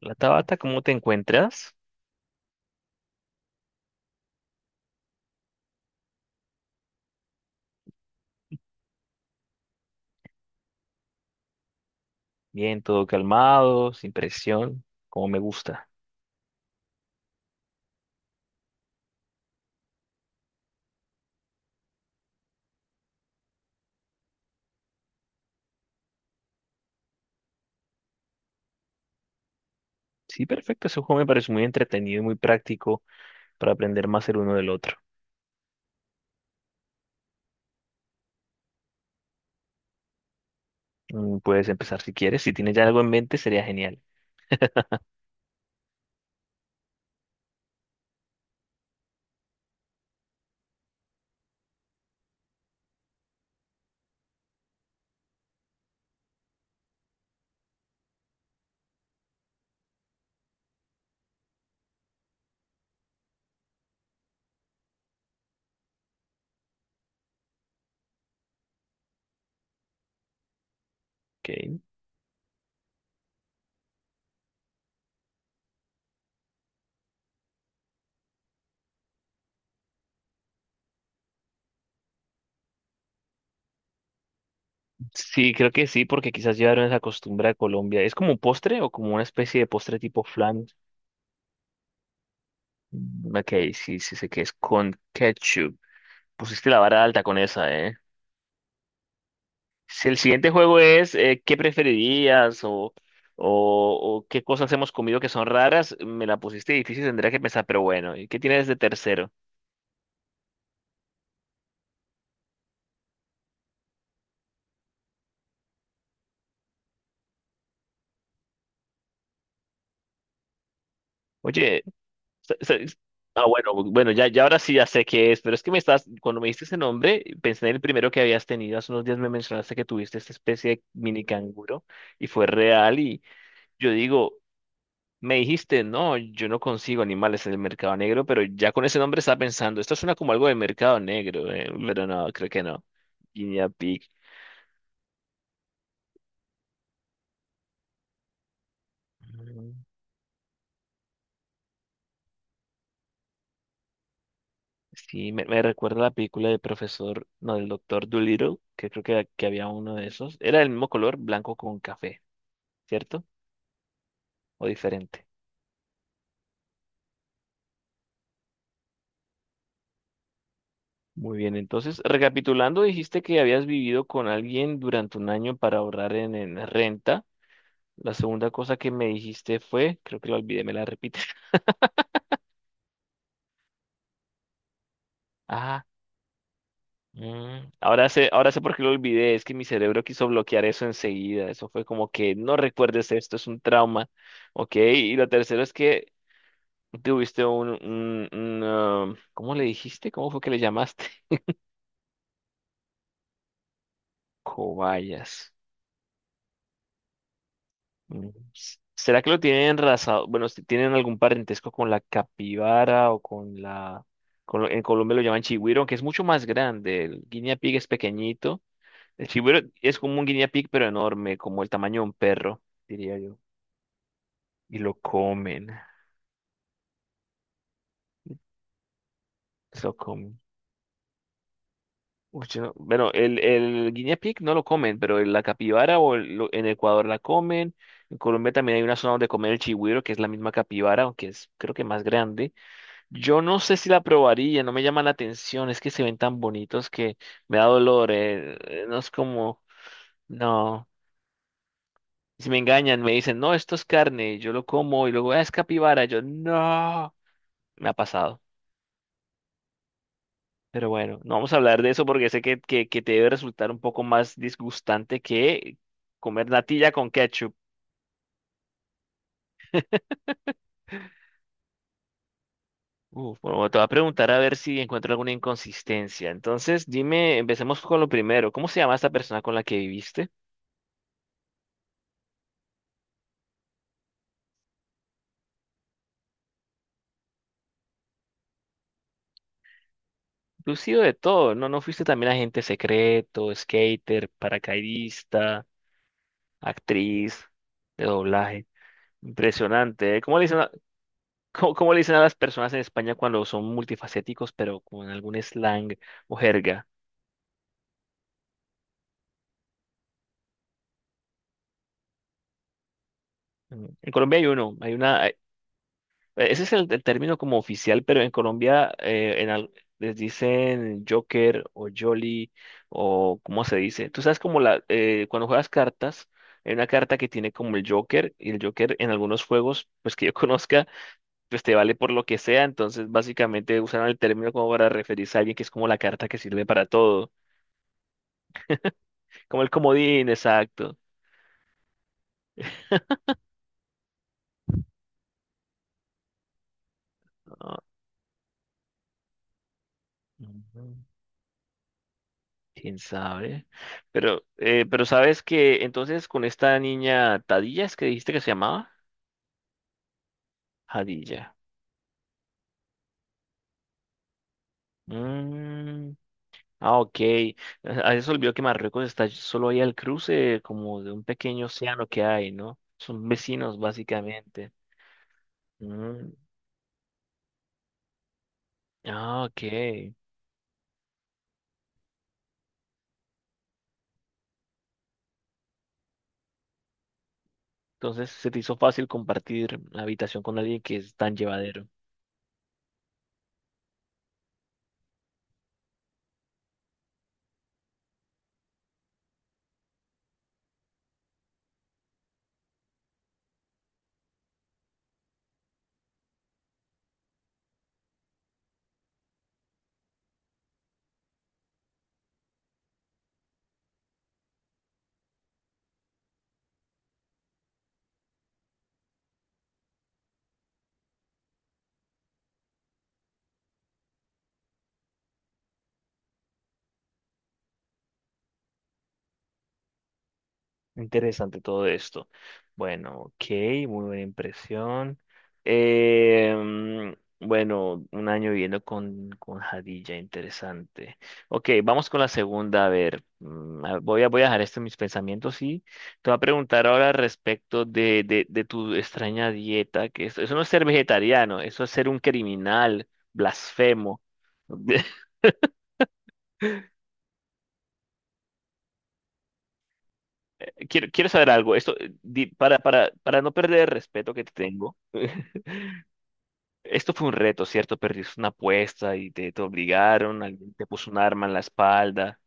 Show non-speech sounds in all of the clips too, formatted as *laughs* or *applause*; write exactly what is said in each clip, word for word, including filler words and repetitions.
La Tabata, ¿cómo te encuentras? Bien, todo calmado, sin presión, como me gusta. Sí, perfecto, ese juego me parece muy entretenido y muy práctico para aprender más el uno del otro. Mm, Puedes empezar si quieres, si tienes ya algo en mente sería genial. Ok. Sí, creo que sí, porque quizás llevaron esa costumbre a Colombia. ¿Es como un postre o como una especie de postre tipo flan? Mm, Ok, sí, sí sé que es con ketchup. Pusiste la vara alta con esa, ¿eh? Si el siguiente juego es eh, ¿qué preferirías? O, o, o ¿qué cosas hemos comido que son raras? Me la pusiste difícil, tendría que pensar, pero bueno, ¿y qué tienes de tercero? Oye, sa- sa- ah, bueno, bueno, ya, ya ahora sí ya sé qué es, pero es que me estás, cuando me diste ese nombre, pensé en el primero que habías tenido. Hace unos días me mencionaste que tuviste esta especie de mini canguro y fue real y yo digo... Me dijiste, no, yo no consigo animales en el mercado negro, pero ya con ese nombre estaba pensando, esto suena como algo de mercado negro, eh, pero no, creo que no. Guinea Pig. Mm, Sí, me, me recuerda a la película del profesor, no, del doctor Dolittle, que creo que, que había uno de esos. Era del mismo color, blanco con café, ¿cierto? ¿O diferente? Muy bien, entonces, recapitulando, dijiste que habías vivido con alguien durante un año para ahorrar en, en renta. La segunda cosa que me dijiste fue, creo que la olvidé, me la repites. *laughs* Ah. Mm, Ahora sé, ahora sé por qué lo olvidé, es que mi cerebro quiso bloquear eso enseguida, eso fue como que no recuerdes esto, es un trauma, ¿ok? Y lo tercero es que tuviste un, un, un, ah, ¿cómo le dijiste? ¿Cómo fue que le llamaste? *laughs* Cobayas. Mm, s- ¿Será que lo tienen raza- Bueno, si ¿tienen algún parentesco con la capibara o con la... con lo- en Colombia lo llaman chigüiro, aunque es mucho más grande, el guinea pig es pequeñito. El chiburo es como un guinea pig, pero enorme, como el tamaño de un perro, diría yo. Y lo comen, se lo comen. Uy, yo no... Bueno, el, el guinea pig no lo comen, pero la capibara o el- lo- en Ecuador la comen. En Colombia también hay una zona donde comen el chigüiro, que es la misma capibara, aunque es creo que más grande. Yo no sé si la probaría, no me llama la atención, es que se ven tan bonitos que me da dolor, eh, eh, no es como, no. Si me engañan, me dicen, no, esto es carne, y yo lo como, y luego, "Ah, es capibara", yo, no. Me ha pasado. Pero bueno, no vamos a hablar de eso porque sé que, que, que te debe resultar un poco más disgustante que comer natilla con ketchup. Uf, bueno, te voy a preguntar a ver si encuentro alguna inconsistencia. Entonces, dime, empecemos con lo primero. ¿Cómo se llama esta persona con la que viviste? Tú has sido de todo, ¿no? ¿No fuiste también agente secreto, skater, paracaidista, actriz de doblaje? Impresionante, ¿eh? ¿Cómo le dicen, ¿Cómo, cómo le dicen a las personas en España cuando son multifacéticos, pero con algún slang o jerga? Mm, En Colombia hay uno, hay una, hay... ese es el, el término como oficial, pero en Colombia eh, en al- les dicen Joker o Jolly o cómo se dice. Tú sabes como la, eh, cuando juegas cartas, hay una carta que tiene como el Joker y el Joker en algunos juegos, pues que yo *laughs* conozca, pues te vale por lo que sea, entonces básicamente usaron el término como para referirse a alguien que es como la carta que sirve para todo, como el comodín, exacto. Ah, ujú, quién sabe. Pero, eh, pero sabes que entonces con esta niña Tadilla, ¿es que dijiste que se llamaba? Jadilla. Mm, ah, ok. A eso olvidó que Marruecos está solo ahí al cruce, como de un pequeño océano que hay, ¿no? Son vecinos, básicamente. Mm, ah, ok. Entonces se te hizo fácil compartir habitación con alguien que es tan llevadero. Interesante todo esto. Bueno, ok, muy buena impresión. Eh, mm, bueno, un año viviendo con, con Jadilla, interesante. Ok, vamos con la segunda. A ver, mm, a- voy a, voy a dejar esto en mis pensamientos y te voy a preguntar ahora respecto de, de, de tu extraña dieta, que eso, eso no es ser vegetariano, eso es ser un criminal, blasfemo. *laughs* Quiero, quiero saber algo, esto, eh, di- para, para, para no perder el respeto que te tengo. *laughs* Esto fue un reto, ¿cierto? Perdiste una apuesta y te, te obligaron, alguien te puso un arma en la espalda.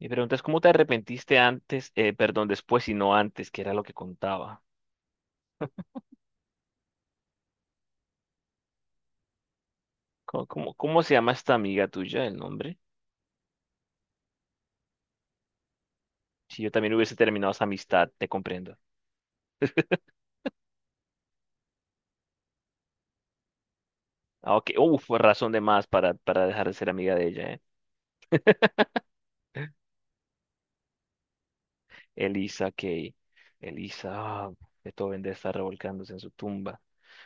Mi pregunta es, ¿cómo te arrepentiste antes, eh, perdón, después y no antes, que era lo que contaba? ¿Cómo, cómo, ¿cómo se llama esta amiga tuya, el nombre? Si yo también hubiese terminado esa amistad, te comprendo. Ah, ok, uh, fue razón de más para, para dejar de ser amiga de ella. Elisa que Elisa, ah, Beethoven debe estar revolcándose en su tumba.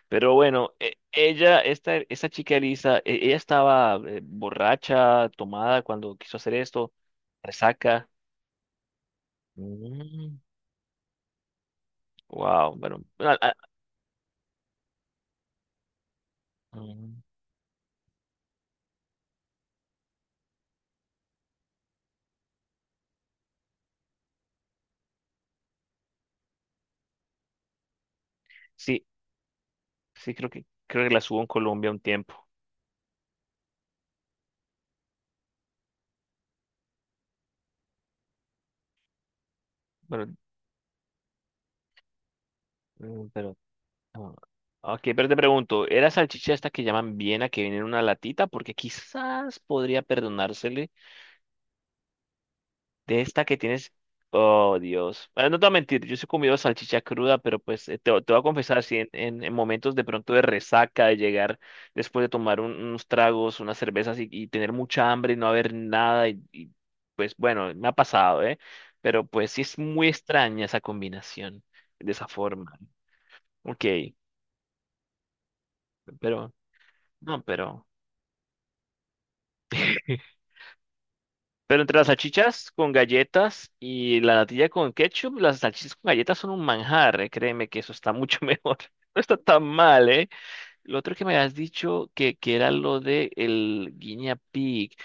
Pero bueno, e- ella, esta, esta chica Elisa, e- ella estaba eh, borracha, tomada cuando quiso hacer esto, resaca. Mm, wow, bueno, bueno, ah, mm, sí, sí, creo que, creo que la subo en Colombia un tiempo. Bueno, mm, pero, ah, ok, pero te pregunto, ¿era salchicha esta que llaman Viena que viene en una latita? Porque quizás podría perdonársele. De esta que tienes. Oh, Dios. Bueno, no te voy a mentir, yo sí he comido salchicha cruda, pero pues eh, te, te voy a confesar, si en, en, en momentos de pronto de resaca, de llegar después de tomar un- unos tragos, unas cervezas y, y tener mucha hambre y no haber nada, y, y, pues bueno, me ha pasado, ¿eh? Pero pues sí es muy extraña esa combinación de esa forma. Ok, pero no, pero. *laughs* Pero entre las salchichas con galletas y la natilla con ketchup, las salchichas con galletas son un manjar, eh. Créeme que eso está mucho *laughs* mejor. No está tan mal, ¿eh? Lo otro que me has dicho que, que era lo de el guinea pig.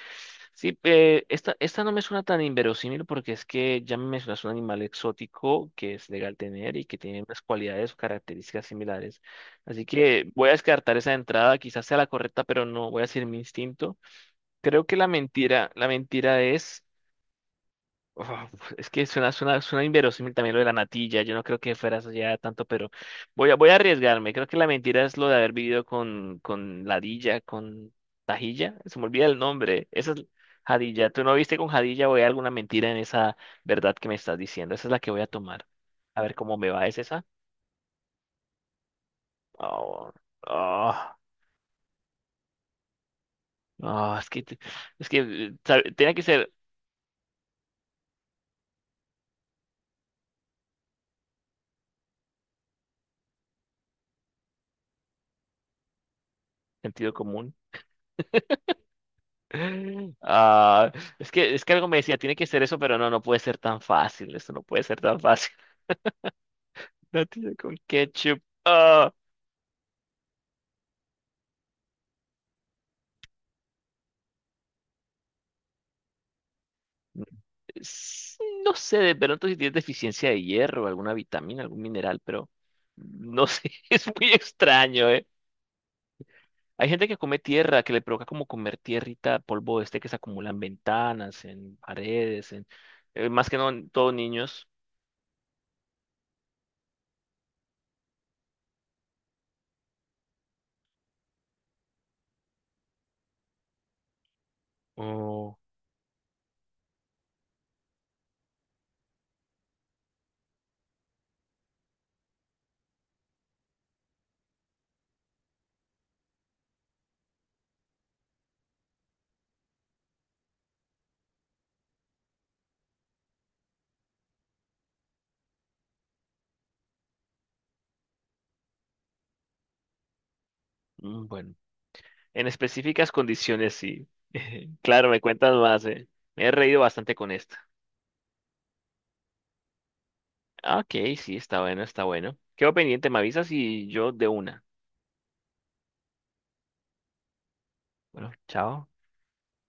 Sí, eh, esta, esta no me suena tan inverosímil porque es que ya me mencionas un animal exótico que es legal tener y que tiene unas cualidades o características similares. Así que voy a descartar esa entrada, quizás sea la correcta, pero no voy a seguir mi instinto. Creo que la mentira, la mentira es. Uf, es que suena, suena, suena inverosímil también lo de la natilla. Yo no creo que fueras allá tanto, pero voy a, voy a arriesgarme. Creo que la mentira es lo de haber vivido con, con Ladilla, con Tajilla. Se me olvida el nombre. Esa es Jadilla. ¿Tú no viste con Jadilla o hay alguna mentira en esa verdad que me estás diciendo? Esa es la que voy a tomar. A ver cómo me va. ¿Es esa? Oh, oh, oh, es que, te- es que eh, sabe- tenía que ser sentido común. *laughs* Ah, es que, es que algo me decía, tiene que ser eso, pero no, no puede ser tan fácil. Eso no puede ser tan fácil. *laughs* Natilla con ketchup. Ah, s- no sé, de pronto si tienes deficiencia de hierro, alguna vitamina, algún mineral, pero no sé, *laughs* es muy extraño, ¿eh? Hay gente que come tierra, que le provoca como comer tierrita, polvo este que se acumula en ventanas, en paredes, en eh, más que no, en- todo niños. Oh, mm, bueno. En específicas condiciones, sí. *laughs* Claro, me cuentas más, eh. Me he reído bastante con esta. Ah, ok, sí, está bueno, está bueno. Quedo pendiente, me avisas y yo de una. Bueno, chao.